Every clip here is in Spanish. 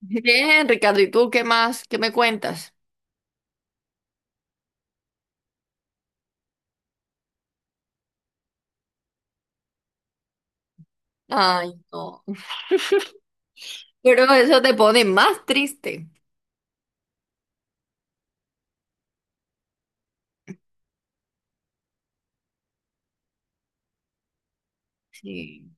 Bien, Ricardo, ¿y tú qué más? ¿Qué me cuentas? Ay, no. Pero eso te pone más triste. Sí.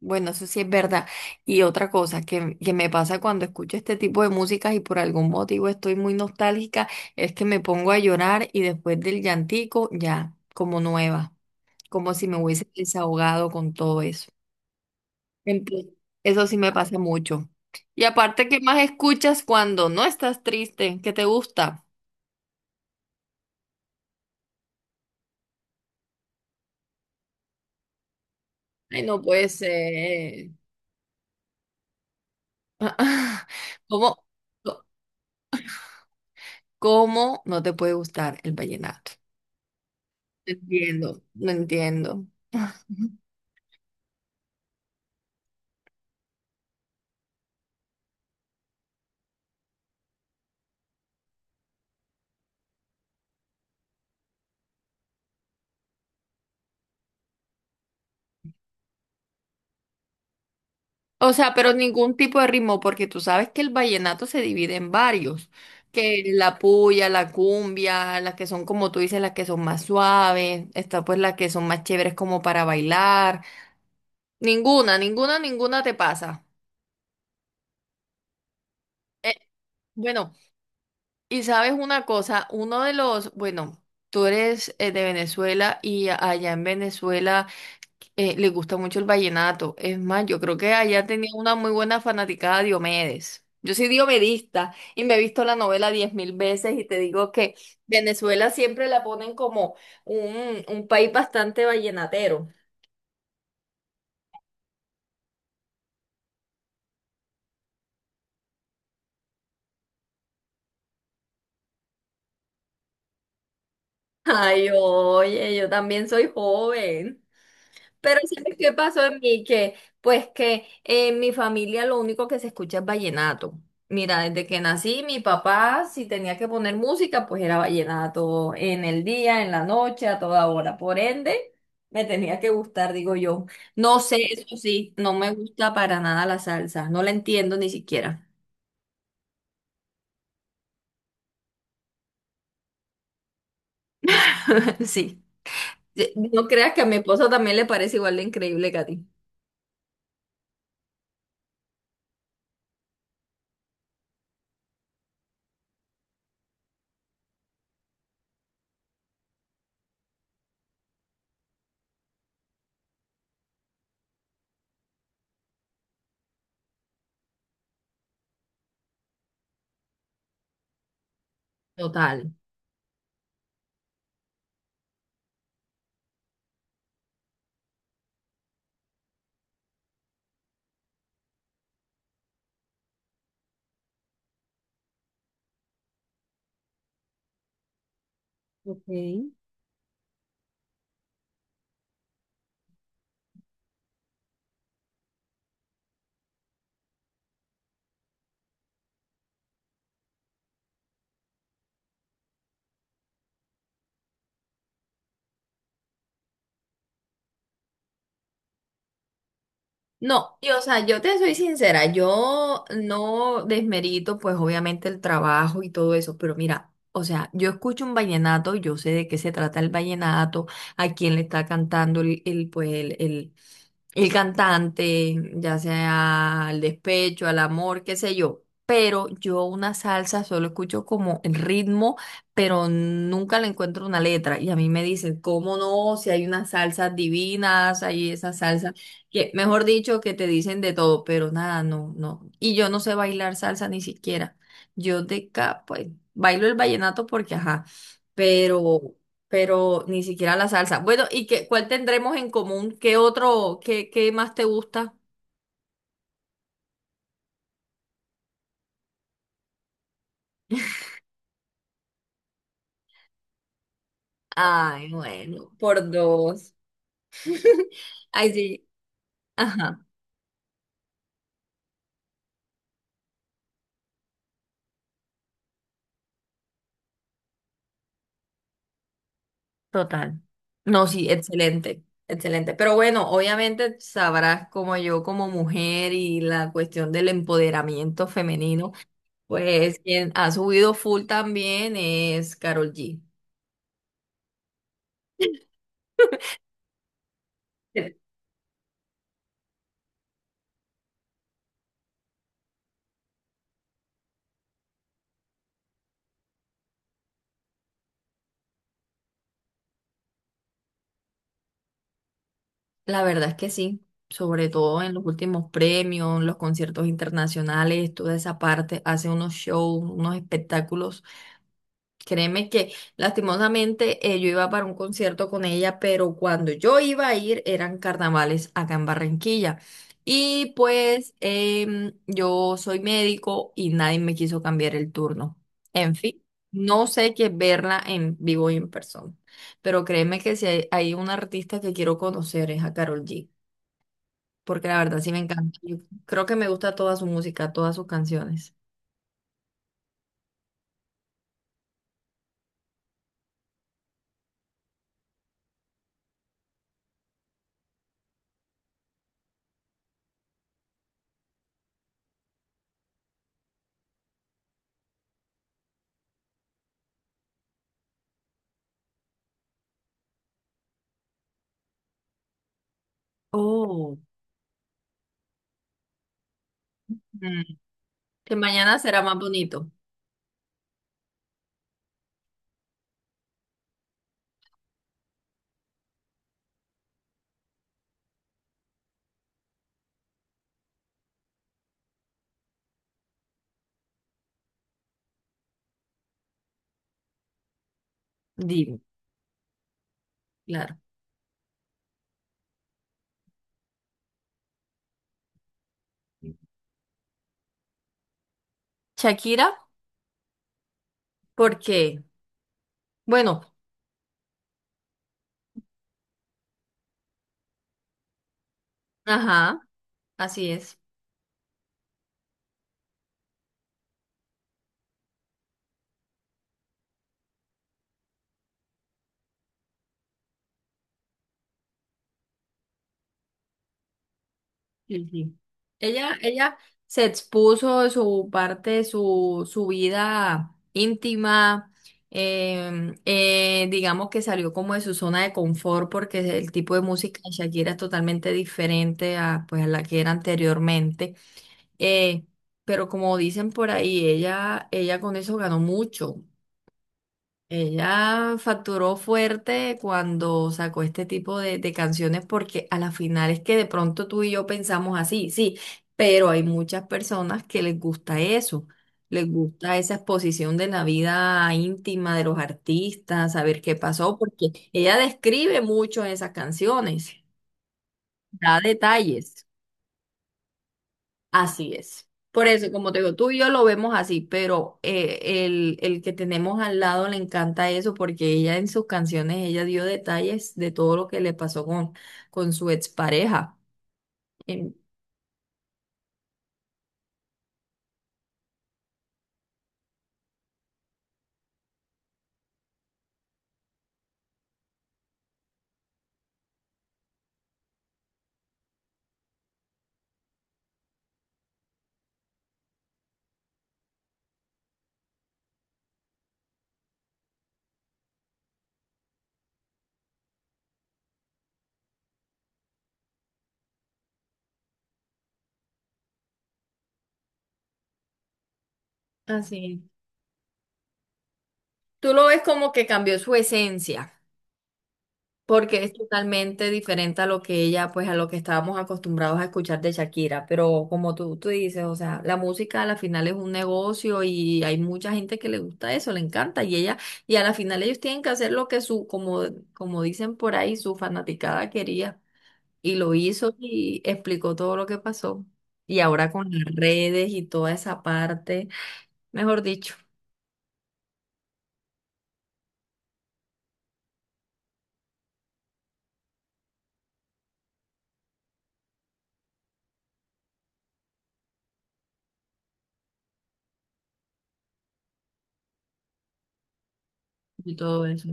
Bueno, eso sí es verdad. Y otra cosa que me pasa cuando escucho este tipo de músicas y por algún motivo estoy muy nostálgica, es que me pongo a llorar y después del llantico, ya, como nueva, como si me hubiese desahogado con todo eso. Entonces, eso sí me pasa mucho. Y aparte, ¿qué más escuchas cuando no estás triste? ¿Qué te gusta? Ay, no puede ser. ¿Cómo, co- cómo no te puede gustar el vallenato? No entiendo, no entiendo. O sea, pero ningún tipo de ritmo, porque tú sabes que el vallenato se divide en varios, que la puya, la cumbia, las que son como tú dices, las que son más suaves, está pues las que son más chéveres como para bailar. Ninguna, ninguna, ninguna te pasa. Eh, bueno. Y sabes una cosa, uno de los, bueno, tú eres de Venezuela y allá en Venezuela le gusta mucho el vallenato. Es más, yo creo que allá tenía una muy buena fanaticada de Diomedes. Yo soy diomedista y me he visto la novela 10.000 veces y te digo que Venezuela siempre la ponen como un país bastante vallenatero. Ay, oye, yo también soy joven. Pero ¿sabes qué pasó en mí? Que, pues que en mi familia lo único que se escucha es vallenato. Mira, desde que nací, mi papá, si tenía que poner música, pues era vallenato en el día, en la noche, a toda hora. Por ende, me tenía que gustar, digo yo. No sé, eso sí, no me gusta para nada la salsa. No la entiendo ni siquiera. Sí. No creas que a mi esposo también le parece igual de increíble que a ti. Total. Ok. No, y o sea, yo te soy sincera, yo no desmerito pues obviamente el trabajo y todo eso, pero mira, o sea, yo escucho un vallenato, yo sé de qué se trata el vallenato, a quién le está cantando el el cantante, ya sea al despecho, al amor, qué sé yo. Pero yo una salsa solo escucho como el ritmo, pero nunca le encuentro una letra. Y a mí me dicen, ¿cómo no? Si hay unas salsas divinas, hay esas salsas que, mejor dicho, que te dicen de todo, pero nada, no, no. Y yo no sé bailar salsa ni siquiera. Yo de acá, pues, bailo el vallenato porque, ajá, pero, pero ni siquiera la salsa. Bueno, ¿y qué, cuál tendremos en común? ¿Qué otro, qué, qué más te gusta? Ay, bueno, por dos. Ay, sí, ajá, total. No, sí, excelente, excelente. Pero bueno, obviamente sabrás como yo, como mujer y la cuestión del empoderamiento femenino. Pues quien ha subido full también es Carol G. Sí. La verdad es que sí, sobre todo en los últimos premios, los conciertos internacionales, toda esa parte, hace unos shows, unos espectáculos. Créeme que lastimosamente yo iba para un concierto con ella, pero cuando yo iba a ir eran carnavales acá en Barranquilla. Y pues yo soy médico y nadie me quiso cambiar el turno. En fin, no sé qué es verla en vivo y en persona. Pero créeme que si hay una artista que quiero conocer es a Karol G, porque la verdad sí me encanta. Yo creo que me gusta toda su música, todas sus canciones. Oh. Mm. Que mañana será más bonito. Dime. Claro. Shakira, porque, bueno, ajá, así es. Sí, sí. Ella se expuso de su parte, su vida íntima, digamos que salió como de su zona de confort porque el tipo de música de Shakira es totalmente diferente a, pues, a la que era anteriormente. Eh, pero como dicen por ahí, ella con eso ganó mucho. Ella facturó fuerte cuando sacó este tipo de canciones porque a la final es que de pronto tú y yo pensamos así, sí, pero hay muchas personas que les gusta eso, les gusta esa exposición de la vida íntima de los artistas, saber qué pasó, porque ella describe mucho esas canciones, da detalles. Así es. Por eso, como te digo, tú y yo lo vemos así, pero el que tenemos al lado le encanta eso porque ella en sus canciones, ella dio detalles de todo lo que le pasó con su expareja. En-. Así. Tú lo ves como que cambió su esencia, porque es totalmente diferente a lo que ella, pues a lo que estábamos acostumbrados a escuchar de Shakira, pero como tú dices, o sea, la música a la final es un negocio y hay mucha gente que le gusta eso, le encanta y ella, y a la final ellos tienen que hacer lo que su, como, como dicen por ahí, su fanaticada quería y lo hizo y explicó todo lo que pasó. Y ahora con las redes y toda esa parte, mejor dicho, y todo eso.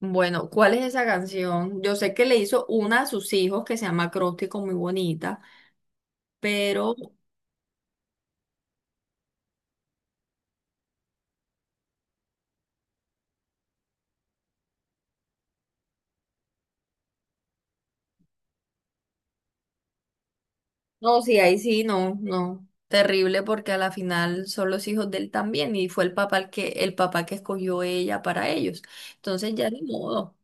Bueno, ¿cuál es esa canción? Yo sé que le hizo una a sus hijos que se llama Acróstico, muy bonita, pero no, sí, ahí sí, no, no. Terrible porque a la final son los hijos de él también y fue el papá el que, el papá que escogió ella para ellos. Entonces ya de modo,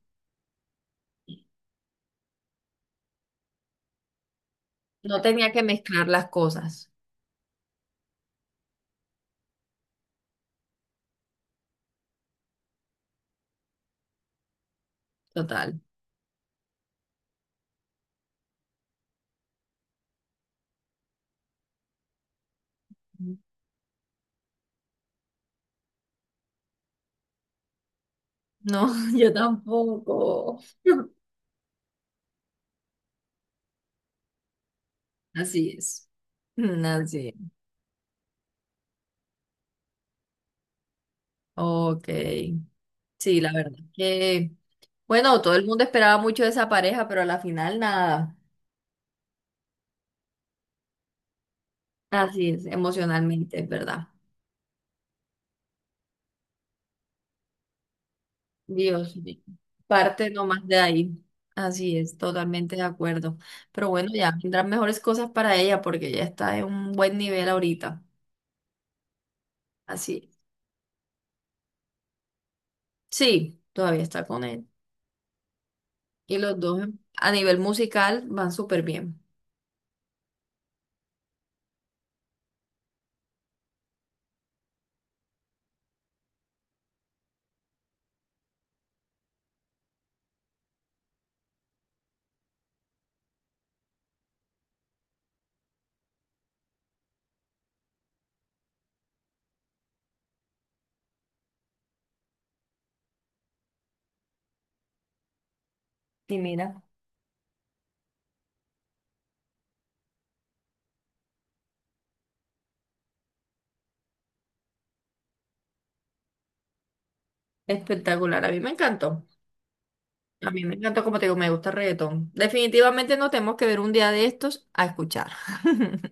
no tenía que mezclar las cosas. Total. No, yo tampoco. Así es. Mm, así es. Ok. Sí, la verdad que bueno, todo el mundo esperaba mucho de esa pareja, pero a la final nada. Así es, emocionalmente, es verdad. Dios mío. Parte nomás de ahí. Así es, totalmente de acuerdo. Pero bueno, ya vendrán mejores cosas para ella porque ya está en un buen nivel ahorita. Así es. Sí, todavía está con él. Y los dos a nivel musical van súper bien. Y mira, espectacular. A mí me encantó. A mí me encantó, como te digo, me gusta el reggaetón. Definitivamente nos tenemos que ver un día de estos a escuchar.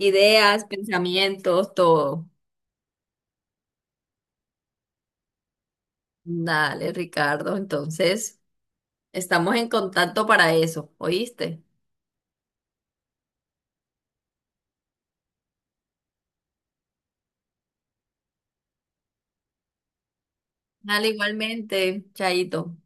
Ideas, pensamientos, todo. Dale, Ricardo. Entonces, estamos en contacto para eso, ¿oíste? Dale, igualmente, Chaito.